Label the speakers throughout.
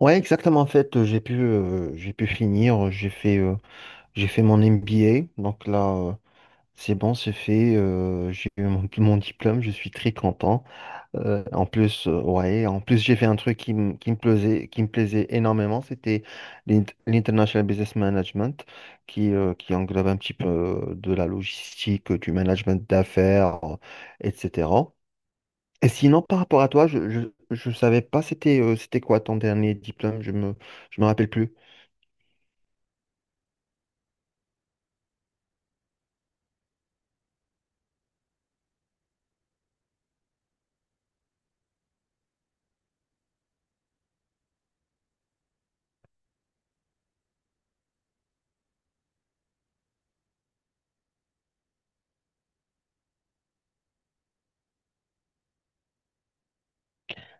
Speaker 1: Ouais, exactement. En fait, j'ai pu finir. J'ai fait mon MBA. Donc là, c'est bon, c'est fait. J'ai eu mon diplôme. Je suis très content. Ouais, en plus, j'ai fait un truc qui me plaisait énormément. C'était l'International Business Management, qui englobe un petit peu de la logistique, du management d'affaires, etc. Et sinon, par rapport à toi, je savais pas c'était c'était quoi ton dernier diplôme, je me rappelle plus.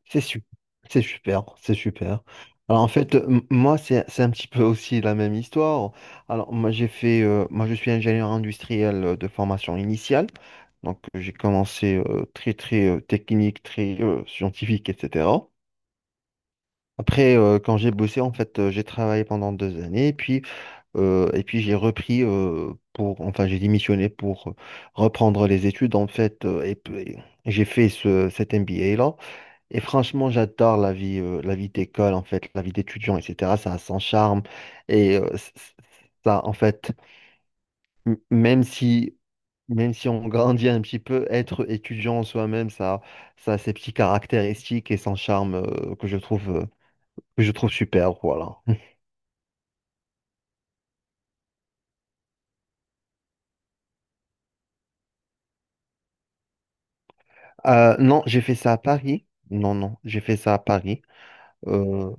Speaker 1: C'est super, c'est super, c'est super. Alors en fait, moi, c'est un petit peu aussi la même histoire. Alors moi, moi, je suis ingénieur industriel de formation initiale. Donc j'ai commencé très, très technique, très scientifique, etc. Après, quand j'ai bossé, en fait, j'ai travaillé pendant deux années. Et puis j'ai repris pour, enfin j'ai démissionné pour reprendre les études en fait et j'ai fait cet MBA là. Et franchement j'adore la vie d'école en fait, la vie d'étudiant etc. Ça a son charme et ça en fait même si même si on grandit un petit peu, être étudiant en soi-même ça, ça a ses petits caractéristiques et son charme que je trouve super, voilà. Non, j'ai fait ça à Paris. Non non, j'ai fait ça à Paris. Euh,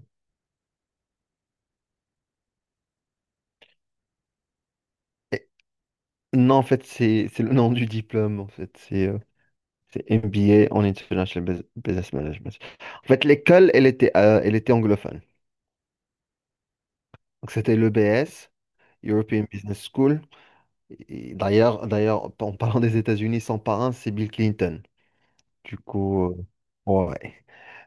Speaker 1: et- non, en fait, c'est le nom du diplôme, en fait. C'est MBA en Business Management. En fait, l'école, elle était anglophone. Donc, c'était le l'EBS, European Business School. D'ailleurs, en parlant des États-Unis, son parrain, c'est Bill Clinton. Du coup, ouais.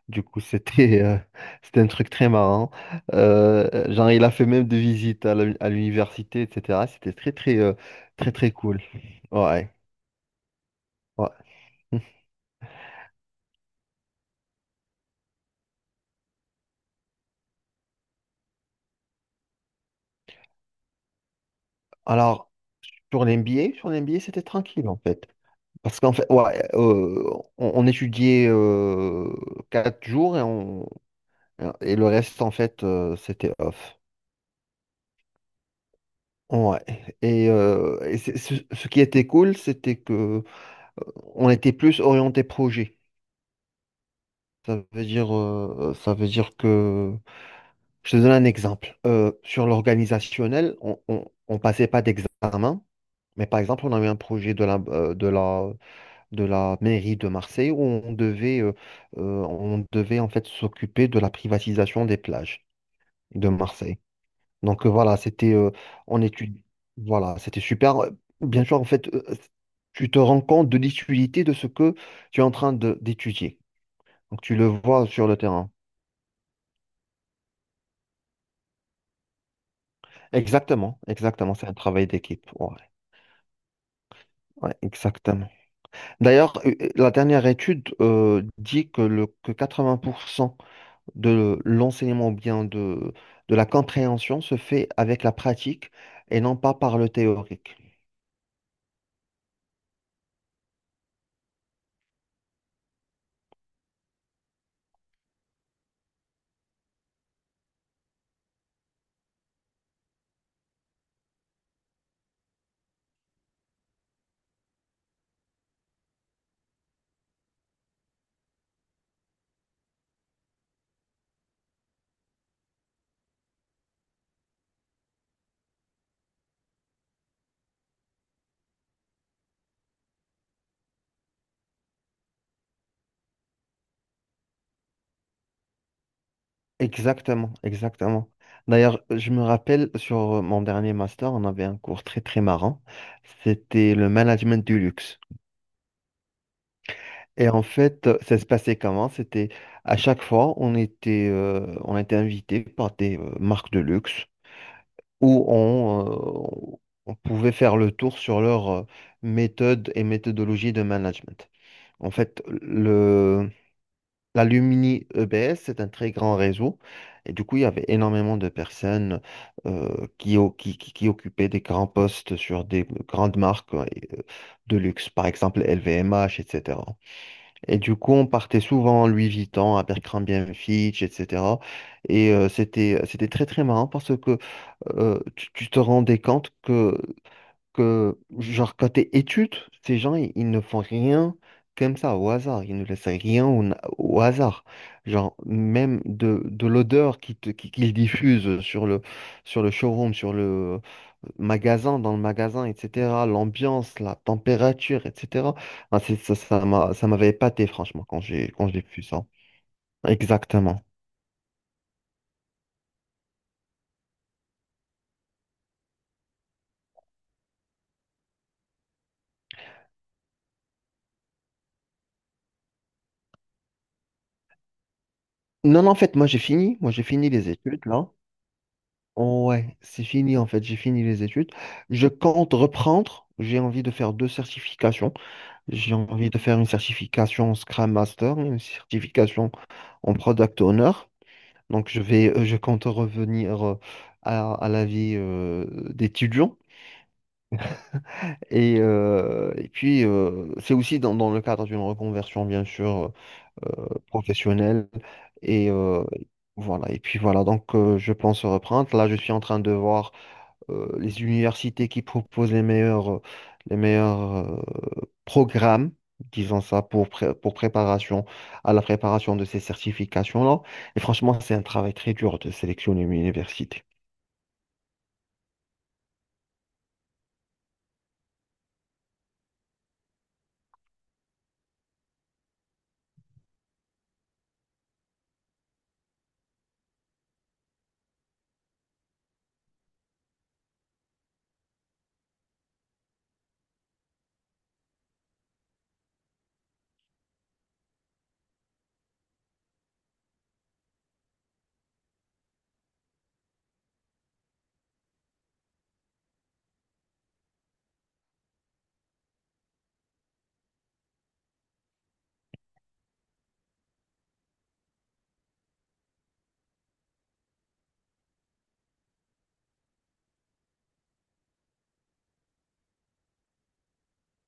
Speaker 1: Du coup, c'était c'était un truc très marrant. Genre, il a fait même des visites à l'université, etc. C'était très, très cool. Ouais. Ouais. Alors, sur l'MBA, sur l'MBA, c'était tranquille en fait. Parce qu'en fait, on étudiait quatre jours et, et le reste, en fait, c'était off. Ouais. Et, ce qui était cool, c'était que euh, on était plus orienté projet. Ça veut dire que, je te donne un exemple. Sur l'organisationnel, on passait pas d'examen, mais par exemple, on avait un projet de de la mairie de Marseille où on devait en fait s'occuper de la privatisation des plages de Marseille. Donc voilà, c'était on étudie, voilà, c'était super. Bien sûr, en fait, tu te rends compte de l'utilité de ce que tu es d'étudier. Donc tu le vois sur le terrain. Exactement, exactement, c'est un travail d'équipe. Ouais, ouais, exactement. D'ailleurs, la dernière étude dit que 80% de l'enseignement ou bien de la compréhension se fait avec la pratique et non pas par le théorique. Exactement, exactement. D'ailleurs, je me rappelle sur mon dernier master, on avait un cours très très marrant. C'était le management du luxe. Et en fait, ça se passait comment? C'était à chaque fois, on était invité par des marques de luxe où euh, on pouvait faire le tour sur leur méthode et méthodologie de management. En fait, l'Alumni EBS, c'est un très grand réseau. Et du coup, il y avait énormément de personnes qui, o- qui, qui occupaient des grands postes sur des grandes marques de luxe, par exemple LVMH, etc. Et cetera. Et du coup, on partait souvent en Louis Vuitton, à Abercrombie Fitch, etc. Et c'était très, très marrant parce que tu te rendais compte que genre, côté études, ils ne font rien comme ça, au hasard. Ils ne laissent rien au hasard. Genre, même de l'odeur qu'ils diffusent sur le showroom, sur le magasin, dans le magasin, etc. L'ambiance, la température, etc. Ça ça m'avait épaté, franchement, quand j'ai vu ça. Exactement. Non, non, en fait, moi, j'ai fini. Moi, j'ai fini les études, là. Ouais, c'est fini en fait, j'ai fini les études. Je compte reprendre. J'ai envie de faire deux certifications. J'ai envie de faire une certification en Scrum Master, une certification en Product Owner. Donc je vais, je compte revenir à la vie d'étudiant. Et puis c'est aussi dans le cadre d'une reconversion bien sûr professionnelle. Et voilà. Et puis voilà. Donc je pense reprendre. Là, je suis en train de voir les universités qui proposent les meilleurs programmes, disons ça, pour préparation à la préparation de ces certifications-là. Et franchement, c'est un travail très dur de sélectionner une université.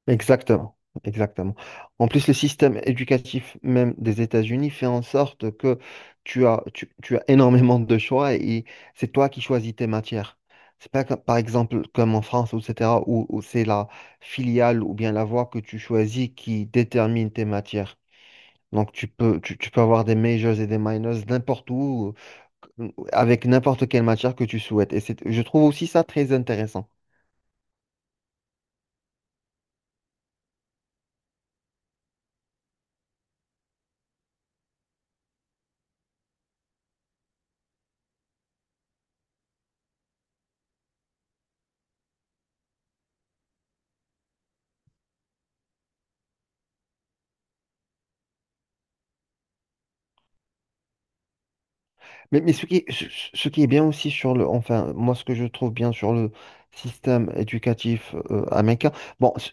Speaker 1: Exactement, exactement. En plus, le système éducatif même des États-Unis fait en sorte que tu as énormément de choix et c'est toi qui choisis tes matières. C'est pas comme- par exemple comme en France, etc., où c'est la filiale ou bien la voie que tu choisis qui détermine tes matières. Donc tu peux avoir des majors et des minors n'importe où, avec n'importe quelle matière que tu souhaites. Et c'est, je trouve aussi ça très intéressant. Mais ce qui est bien aussi sur le, enfin, moi, ce que je trouve bien sur le système éducatif américain, bon, c-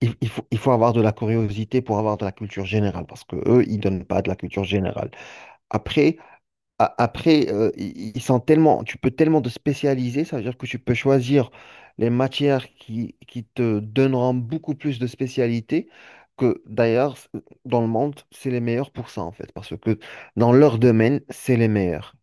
Speaker 1: il, il faut avoir de la curiosité pour avoir de la culture générale, parce que eux, ils donnent pas de la culture générale. Après, ils sont tellement, tu peux tellement te spécialiser, ça veut dire que tu peux choisir les matières qui te donneront beaucoup plus de spécialité, que d'ailleurs, dans le monde, c'est les meilleurs pour ça, en fait, parce que dans leur domaine, c'est les meilleurs.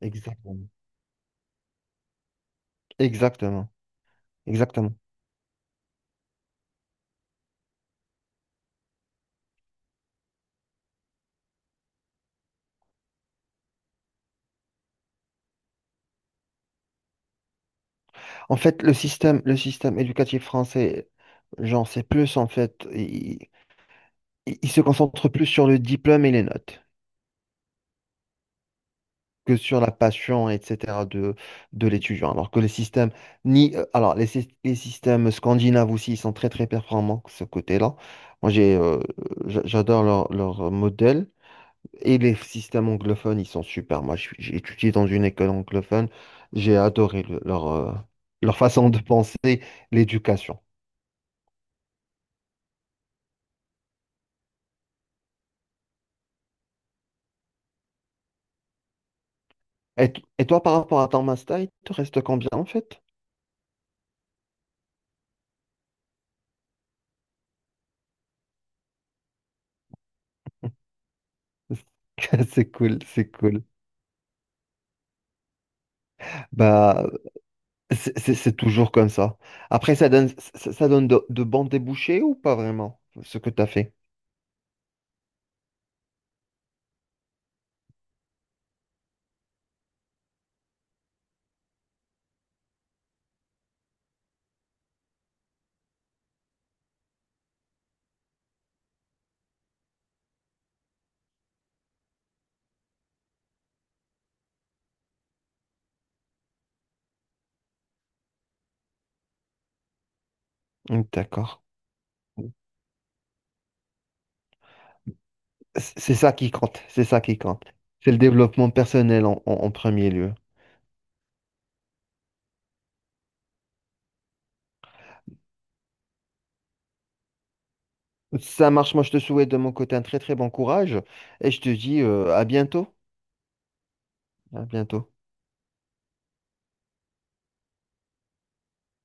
Speaker 1: Exactement. Exactement, exactement. En fait, le système éducatif français, genre, c'est plus en fait, il se concentre plus sur le diplôme et les notes que sur la passion, etc. De l'étudiant. Alors que les systèmes, ni, alors les, syst- les systèmes scandinaves aussi, ils sont très très performants de ce côté-là. Moi, j'adore leur modèle. Et les systèmes anglophones, ils sont super. Moi, j'ai étudié dans une école anglophone. J'ai adoré leur, leur façon de penser, l'éducation. Et, et toi, par rapport à ton master, il te reste combien en fait? C'est cool, c'est cool. Bah, c'est toujours comme ça. Après, ça, ça donne de bons débouchés ou pas vraiment, ce que tu as fait? Mm, d'accord. C'est ça qui compte, c'est ça qui compte. C'est le développement personnel en, en premier lieu. Ça marche, moi je te souhaite de mon côté un très très bon courage et je te dis à bientôt. À bientôt.